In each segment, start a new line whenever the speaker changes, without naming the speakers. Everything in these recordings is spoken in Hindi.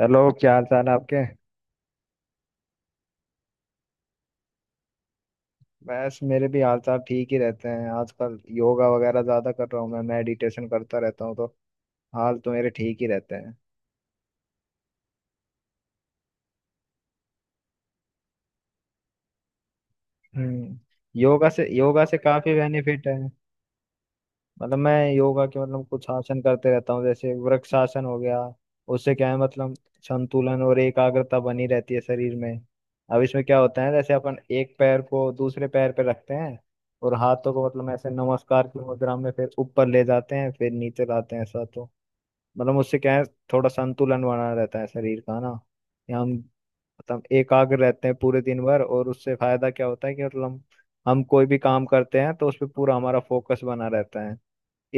हेलो, क्या हाल चाल है आपके। बस, मेरे भी हाल चाल ठीक ही रहते हैं। आजकल योगा वगैरह ज्यादा कर रहा हूँ, मैं मेडिटेशन करता रहता हूँ तो हाल तो मेरे ठीक ही रहते हैं। हम्म। योगा से काफी बेनिफिट है। मतलब मैं योगा के मतलब कुछ आसन करते रहता हूँ, जैसे वृक्षासन हो गया। उससे क्या है मतलब संतुलन और एकाग्रता बनी रहती है शरीर में। अब इसमें क्या होता है, जैसे अपन एक पैर को दूसरे पैर पे रखते हैं और हाथों को मतलब ऐसे नमस्कार की मुद्रा में फिर ऊपर ले जाते हैं, फिर नीचे लाते हैं, ऐसा तो। मतलब उससे क्या है, थोड़ा संतुलन बना रहता है शरीर का ना। या हम मतलब एकाग्र रहते हैं पूरे दिन भर, और उससे फायदा क्या होता है कि मतलब हम कोई भी काम करते हैं तो उस पर पूरा हमारा फोकस बना रहता है,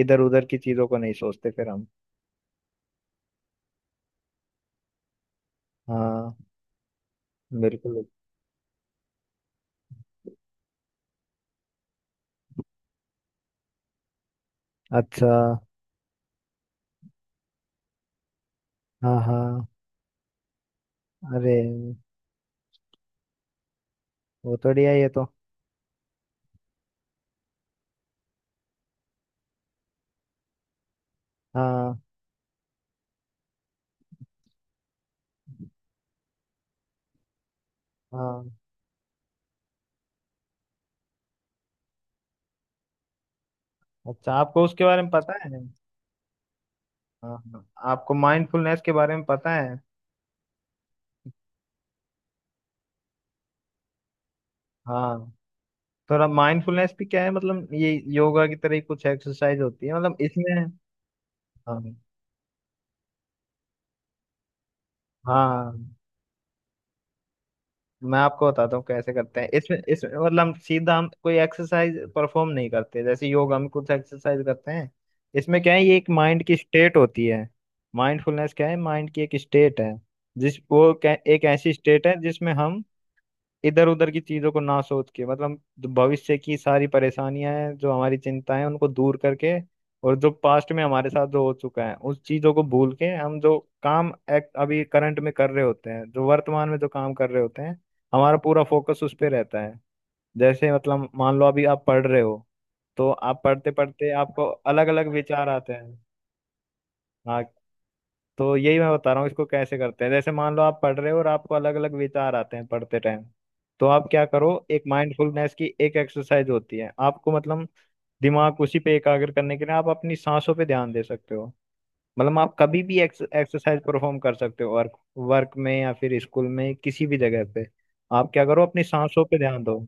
इधर उधर की चीजों को नहीं सोचते फिर हम। हाँ, बिल्कुल। अच्छा। हाँ, हाँ। अरे, वो तो बढ़िया है ये तो। हाँ, हाँ। अच्छा, आपको उसके बारे में पता है? हाँ, हाँ, आपको माइंडफुलनेस के बारे में पता है? हाँ। थोड़ा माइंडफुलनेस भी क्या है मतलब ये योगा की तरह ही कुछ एक्सरसाइज होती है, मतलब इसमें। हाँ, हाँ। मैं आपको बताता हूँ कैसे करते हैं, इसमें इसमें मतलब हम सीधा हम कोई एक्सरसाइज परफॉर्म नहीं करते, जैसे योगा में कुछ एक्सरसाइज करते हैं। इसमें क्या है, ये एक माइंड की स्टेट होती है। माइंडफुलनेस क्या है, माइंड की एक स्टेट है। एक ऐसी स्टेट है जिसमें हम इधर उधर की चीजों को ना सोच के, मतलब जो भविष्य की सारी परेशानियां हैं जो हमारी चिंताएं हैं उनको दूर करके, और जो पास्ट में हमारे साथ जो हो चुका है उस चीजों को भूल के, हम जो काम एक्ट अभी करंट में कर रहे होते हैं, जो वर्तमान में जो काम कर रहे होते हैं, हमारा पूरा फोकस उस पे रहता है। जैसे मतलब मान लो अभी आप पढ़ रहे हो, तो आप पढ़ते पढ़ते आपको अलग अलग विचार आते हैं। हाँ, तो यही मैं बता रहा हूँ, इसको कैसे करते हैं। जैसे मान लो आप पढ़ रहे हो और आपको अलग अलग विचार आते हैं पढ़ते टाइम, तो आप क्या करो, एक माइंडफुलनेस की एक एक्सरसाइज होती है, आपको मतलब दिमाग उसी पे एकाग्र करने के लिए आप अपनी सांसों पे ध्यान दे सकते हो। मतलब आप कभी भी एक्सरसाइज परफॉर्म कर सकते हो, वर्क वर्क में या फिर स्कूल में किसी भी जगह पे। आप क्या करो, अपनी सांसों पे ध्यान दो।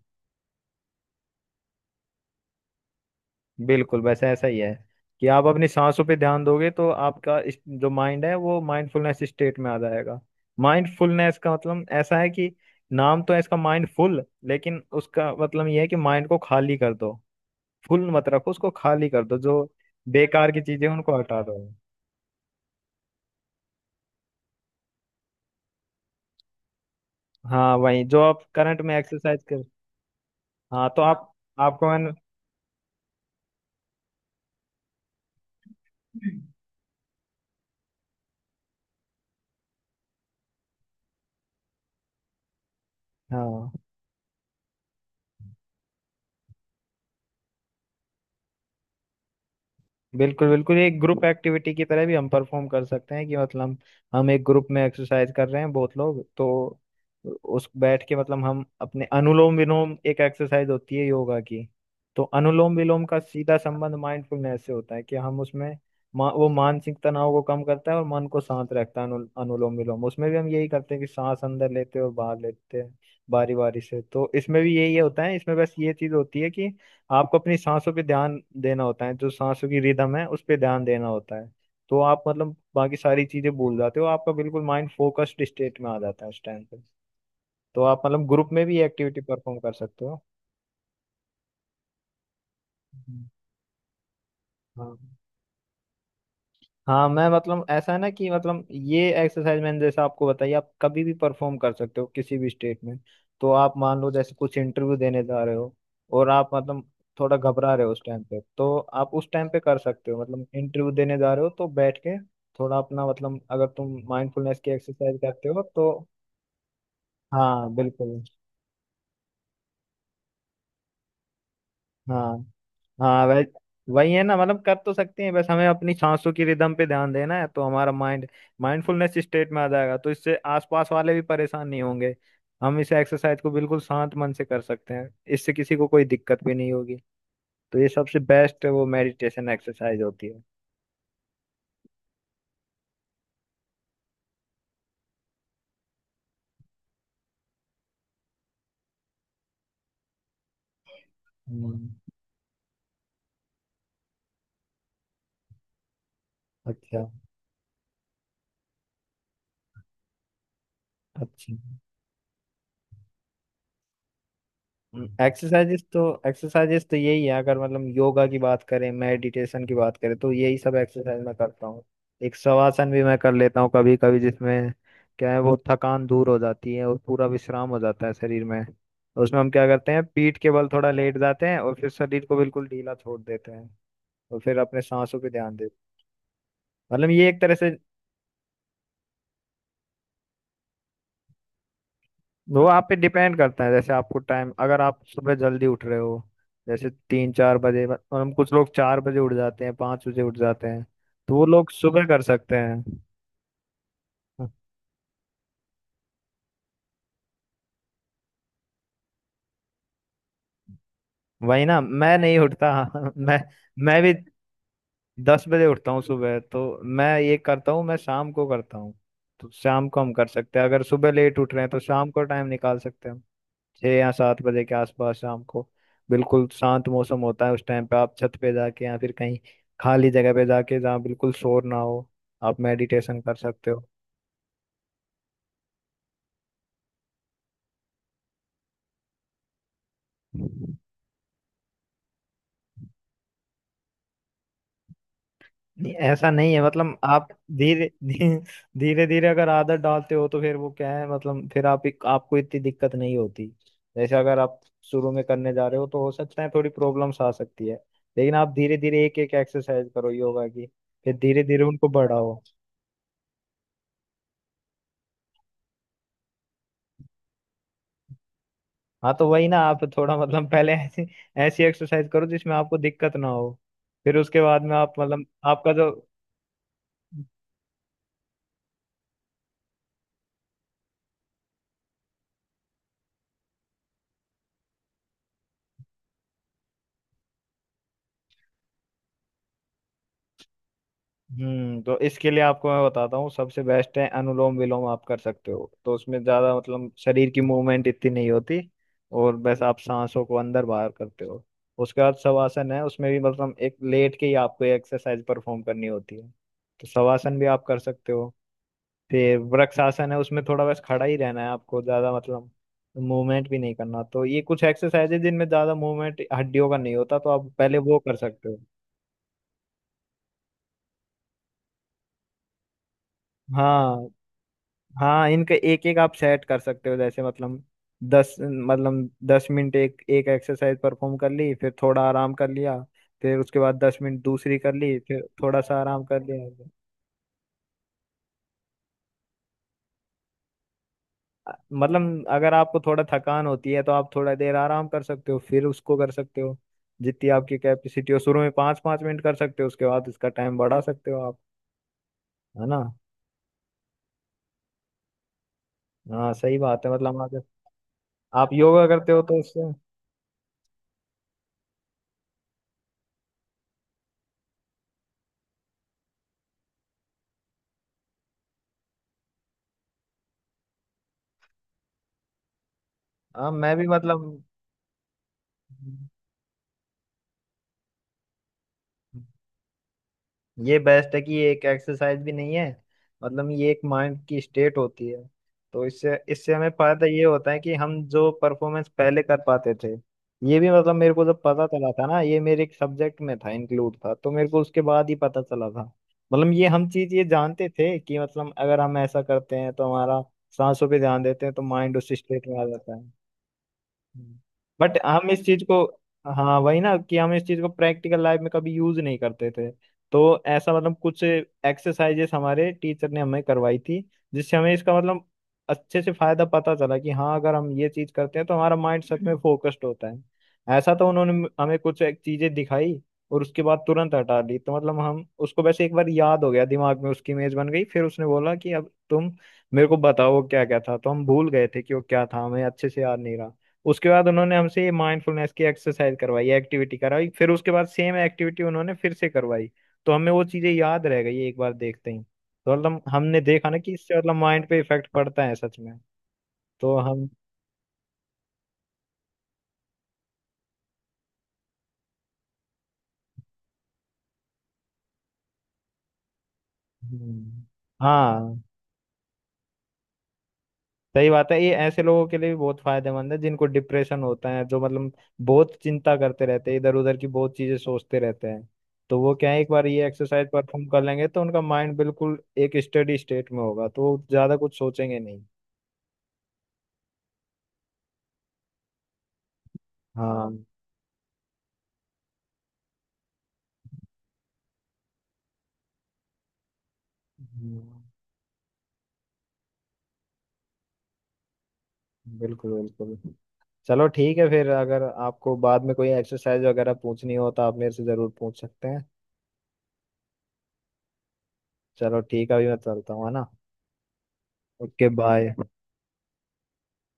बिल्कुल, बस ऐसा ही है कि आप अपनी सांसों पे ध्यान दोगे तो आपका जो माइंड है वो माइंडफुलनेस स्टेट में आ जाएगा। माइंडफुलनेस का मतलब ऐसा है कि नाम तो है इसका माइंडफुल लेकिन उसका मतलब ये है कि माइंड को खाली कर दो, फुल मत रखो, उसको खाली कर दो। जो बेकार की चीजें हैं, उनको हटा दो। हाँ, वही जो आप करंट में एक्सरसाइज कर। हाँ, तो आप। आपको मैंने। हाँ, बिल्कुल बिल्कुल एक ग्रुप एक्टिविटी की तरह भी हम परफॉर्म कर सकते हैं कि मतलब हम एक ग्रुप में एक्सरसाइज कर रहे हैं बहुत लोग, तो उस बैठ के मतलब हम अपने अनुलोम विलोम, एक एक्सरसाइज होती है योगा की। तो अनुलोम विलोम का सीधा संबंध माइंडफुलनेस से होता है कि हम उसमें, वो मानसिक तनाव को कम करता है और मन को शांत रखता है। अनुलोम विलोम, उसमें भी हम यही करते हैं कि सांस अंदर लेते हैं और बाहर लेते हैं बारी बारी से, तो इसमें भी यही होता है। इसमें बस ये चीज होती है कि आपको अपनी सांसों पे ध्यान देना होता है, जो सांसों की रिदम है उस पे ध्यान देना होता है। तो आप मतलब बाकी सारी चीजें भूल जाते हो, आपका बिल्कुल माइंड फोकस्ड स्टेट में आ जाता है उस टाइम पे। तो आप मतलब ग्रुप में भी एक्टिविटी परफॉर्म कर सकते हो। हम्म, हाँ। हाँ, मैं मतलब ऐसा है ना कि मतलब ये एक्सरसाइज मैंने जैसे आपको बताई, आप कभी भी परफॉर्म कर सकते हो किसी भी स्टेट में। तो आप मान लो जैसे कुछ इंटरव्यू देने जा रहे हो और आप मतलब थोड़ा घबरा रहे हो उस टाइम पे, तो आप उस टाइम पे कर सकते हो। मतलब इंटरव्यू देने जा रहे हो तो बैठ के थोड़ा अपना मतलब अगर तुम माइंडफुलनेस की एक्सरसाइज करते हो तो। हाँ, बिल्कुल। हाँ, हाँ। वह वही है ना, मतलब कर तो सकते हैं, बस हमें अपनी सांसों की रिदम पे ध्यान देना है तो हमारा माइंड माइंडफुलनेस स्टेट में आ जाएगा। तो इससे आसपास वाले भी परेशान नहीं होंगे, हम इस एक्सरसाइज को बिल्कुल शांत मन से कर सकते हैं, इससे किसी को कोई दिक्कत भी नहीं होगी। तो ये सबसे बेस्ट वो मेडिटेशन एक्सरसाइज होती है। हम्म, अच्छा। अच्छा। एक्सरसाइजेस तो एक्सरसाइजेस तो यही है, अगर मतलब योगा की बात करें मेडिटेशन की बात करें तो यही सब एक्सरसाइज मैं करता हूँ। एक शवासन भी मैं कर लेता हूँ कभी कभी, जिसमें क्या है वो थकान दूर हो जाती है और पूरा विश्राम हो जाता है शरीर में। उसमें हम क्या करते हैं, पीठ के बल थोड़ा लेट जाते हैं और फिर शरीर को बिल्कुल ढीला छोड़ देते हैं और फिर अपने सांसों पे ध्यान देते हैं, मतलब ये एक तरह से। वो आप पे डिपेंड करता है, जैसे आपको टाइम, अगर आप सुबह जल्दी उठ रहे हो जैसे 3-4 बजे, और हम कुछ लोग 4 बजे उठ जाते हैं, 5 बजे उठ जाते हैं, तो वो लोग सुबह कर सकते हैं। वही ना, मैं नहीं उठता। मैं भी 10 बजे उठता हूँ सुबह तो। मैं ये करता हूँ, मैं शाम को करता हूँ। तो शाम को हम कर सकते हैं, अगर सुबह लेट उठ रहे हैं तो शाम को टाइम निकाल सकते हैं हम। 6 या 7 बजे के आसपास शाम को बिल्कुल शांत मौसम होता है उस टाइम पे। आप छत पे जाके या फिर कहीं खाली जगह पे जाके, जहाँ बिल्कुल शोर ना हो, आप मेडिटेशन कर सकते हो। नहीं ऐसा नहीं है, मतलब आप धीरे धीरे, धीरे धीरे अगर आदत डालते हो तो फिर वो क्या है मतलब फिर आप, आपको इतनी दिक्कत नहीं होती। जैसे अगर आप शुरू में करने जा रहे हो तो हो सकता है थोड़ी प्रॉब्लम्स आ सकती है, लेकिन आप धीरे धीरे एक एक एक्सरसाइज करो योगा की, फिर धीरे धीरे उनको बढ़ाओ। हाँ, तो वही ना, आप थोड़ा मतलब पहले ऐसी ऐसी एक्सरसाइज करो जिसमें आपको दिक्कत ना हो, फिर उसके बाद में आप मतलब आपका जो। हम्म, तो इसके लिए आपको मैं बताता हूँ, सबसे बेस्ट है अनुलोम विलोम, आप कर सकते हो, तो उसमें ज्यादा मतलब शरीर की मूवमेंट इतनी नहीं होती और बस आप सांसों को अंदर बाहर करते हो। उसके बाद शवासन है, उसमें भी मतलब एक लेट के ही आपको एक्सरसाइज परफॉर्म करनी होती है, तो शवासन भी आप कर सकते हो। फिर वृक्ष आसन है, उसमें थोड़ा बस खड़ा ही रहना है आपको, ज्यादा मतलब मूवमेंट भी नहीं करना। तो ये कुछ एक्सरसाइज है जिनमें ज्यादा मूवमेंट हड्डियों का नहीं होता, तो आप पहले वो कर सकते हो। हाँ, हाँ, इनके एक एक आप सेट कर सकते हो, जैसे मतलब दस मतलब 10 मिनट एक एक एक्सरसाइज परफॉर्म कर ली, फिर थोड़ा आराम कर लिया, फिर उसके बाद 10 मिनट दूसरी कर ली, फिर थोड़ा सा आराम कर लिया। मतलब अगर आपको थोड़ा थकान होती है तो आप थोड़ा देर आराम कर सकते हो, फिर उसको कर सकते हो, जितनी आपकी कैपेसिटी हो। शुरू में 5-5 मिनट कर सकते हो, उसके बाद इसका टाइम बढ़ा सकते हो आप, है ना। हाँ सही बात है, मतलब अगर आप योगा करते हो तो उससे। हाँ, मैं भी मतलब। ये बेस्ट है कि ये एक एक्सरसाइज भी नहीं है, मतलब ये एक माइंड की स्टेट होती है। तो इससे इससे हमें फायदा ये होता है कि हम जो परफॉर्मेंस पहले कर पाते थे, ये भी मतलब मेरे को जब पता चला था ना, ये मेरे एक सब्जेक्ट में था, इंक्लूड था, तो मेरे को उसके बाद ही पता चला था। मतलब ये हम चीज ये जानते थे कि मतलब अगर हम ऐसा करते हैं तो हमारा, सांसों पे ध्यान देते हैं तो माइंड उस स्टेट में आ जाता है। बट हम इस चीज को, हाँ वही ना कि हम इस चीज को प्रैक्टिकल लाइफ में कभी यूज नहीं करते थे। तो ऐसा मतलब कुछ एक्सरसाइजेस हमारे टीचर ने हमें करवाई थी, जिससे हमें इसका मतलब अच्छे से फायदा पता चला कि हाँ, अगर हम ये चीज करते हैं तो हमारा माइंड सच में फोकस्ड होता है। ऐसा तो उन्होंने हमें कुछ एक चीजें दिखाई और उसके बाद तुरंत हटा दी, तो मतलब हम उसको वैसे एक बार याद हो गया, दिमाग में उसकी इमेज बन गई, फिर उसने बोला कि अब तुम मेरे को बताओ क्या क्या था, तो हम भूल गए थे कि वो क्या था, हमें अच्छे से याद नहीं रहा। उसके बाद उन्होंने हमसे ये माइंडफुलनेस की एक्सरसाइज करवाई, एक्टिविटी कराई, फिर उसके बाद सेम एक्टिविटी उन्होंने फिर से करवाई, तो हमें वो चीजें याद रह गई एक बार देखते ही, तो मतलब हमने देखा ना कि इससे मतलब माइंड पे इफेक्ट पड़ता है सच में। तो हम। हम्म, हाँ सही बात है, ये ऐसे लोगों के लिए भी बहुत फायदेमंद है जिनको डिप्रेशन होता है, जो मतलब बहुत चिंता करते रहते हैं, इधर उधर की बहुत चीजें सोचते रहते हैं। तो वो क्या है, एक बार ये एक्सरसाइज परफॉर्म कर लेंगे तो उनका माइंड बिल्कुल एक स्टडी स्टेट में होगा तो वो ज्यादा कुछ सोचेंगे नहीं। हाँ। हम्म, बिल्कुल बिल्कुल। चलो ठीक है फिर, अगर आपको बाद में कोई एक्सरसाइज वगैरह पूछनी हो तो आप मेरे से ज़रूर पूछ सकते हैं। चलो ठीक है, अभी मैं चलता हूँ, है ना। Okay, bye.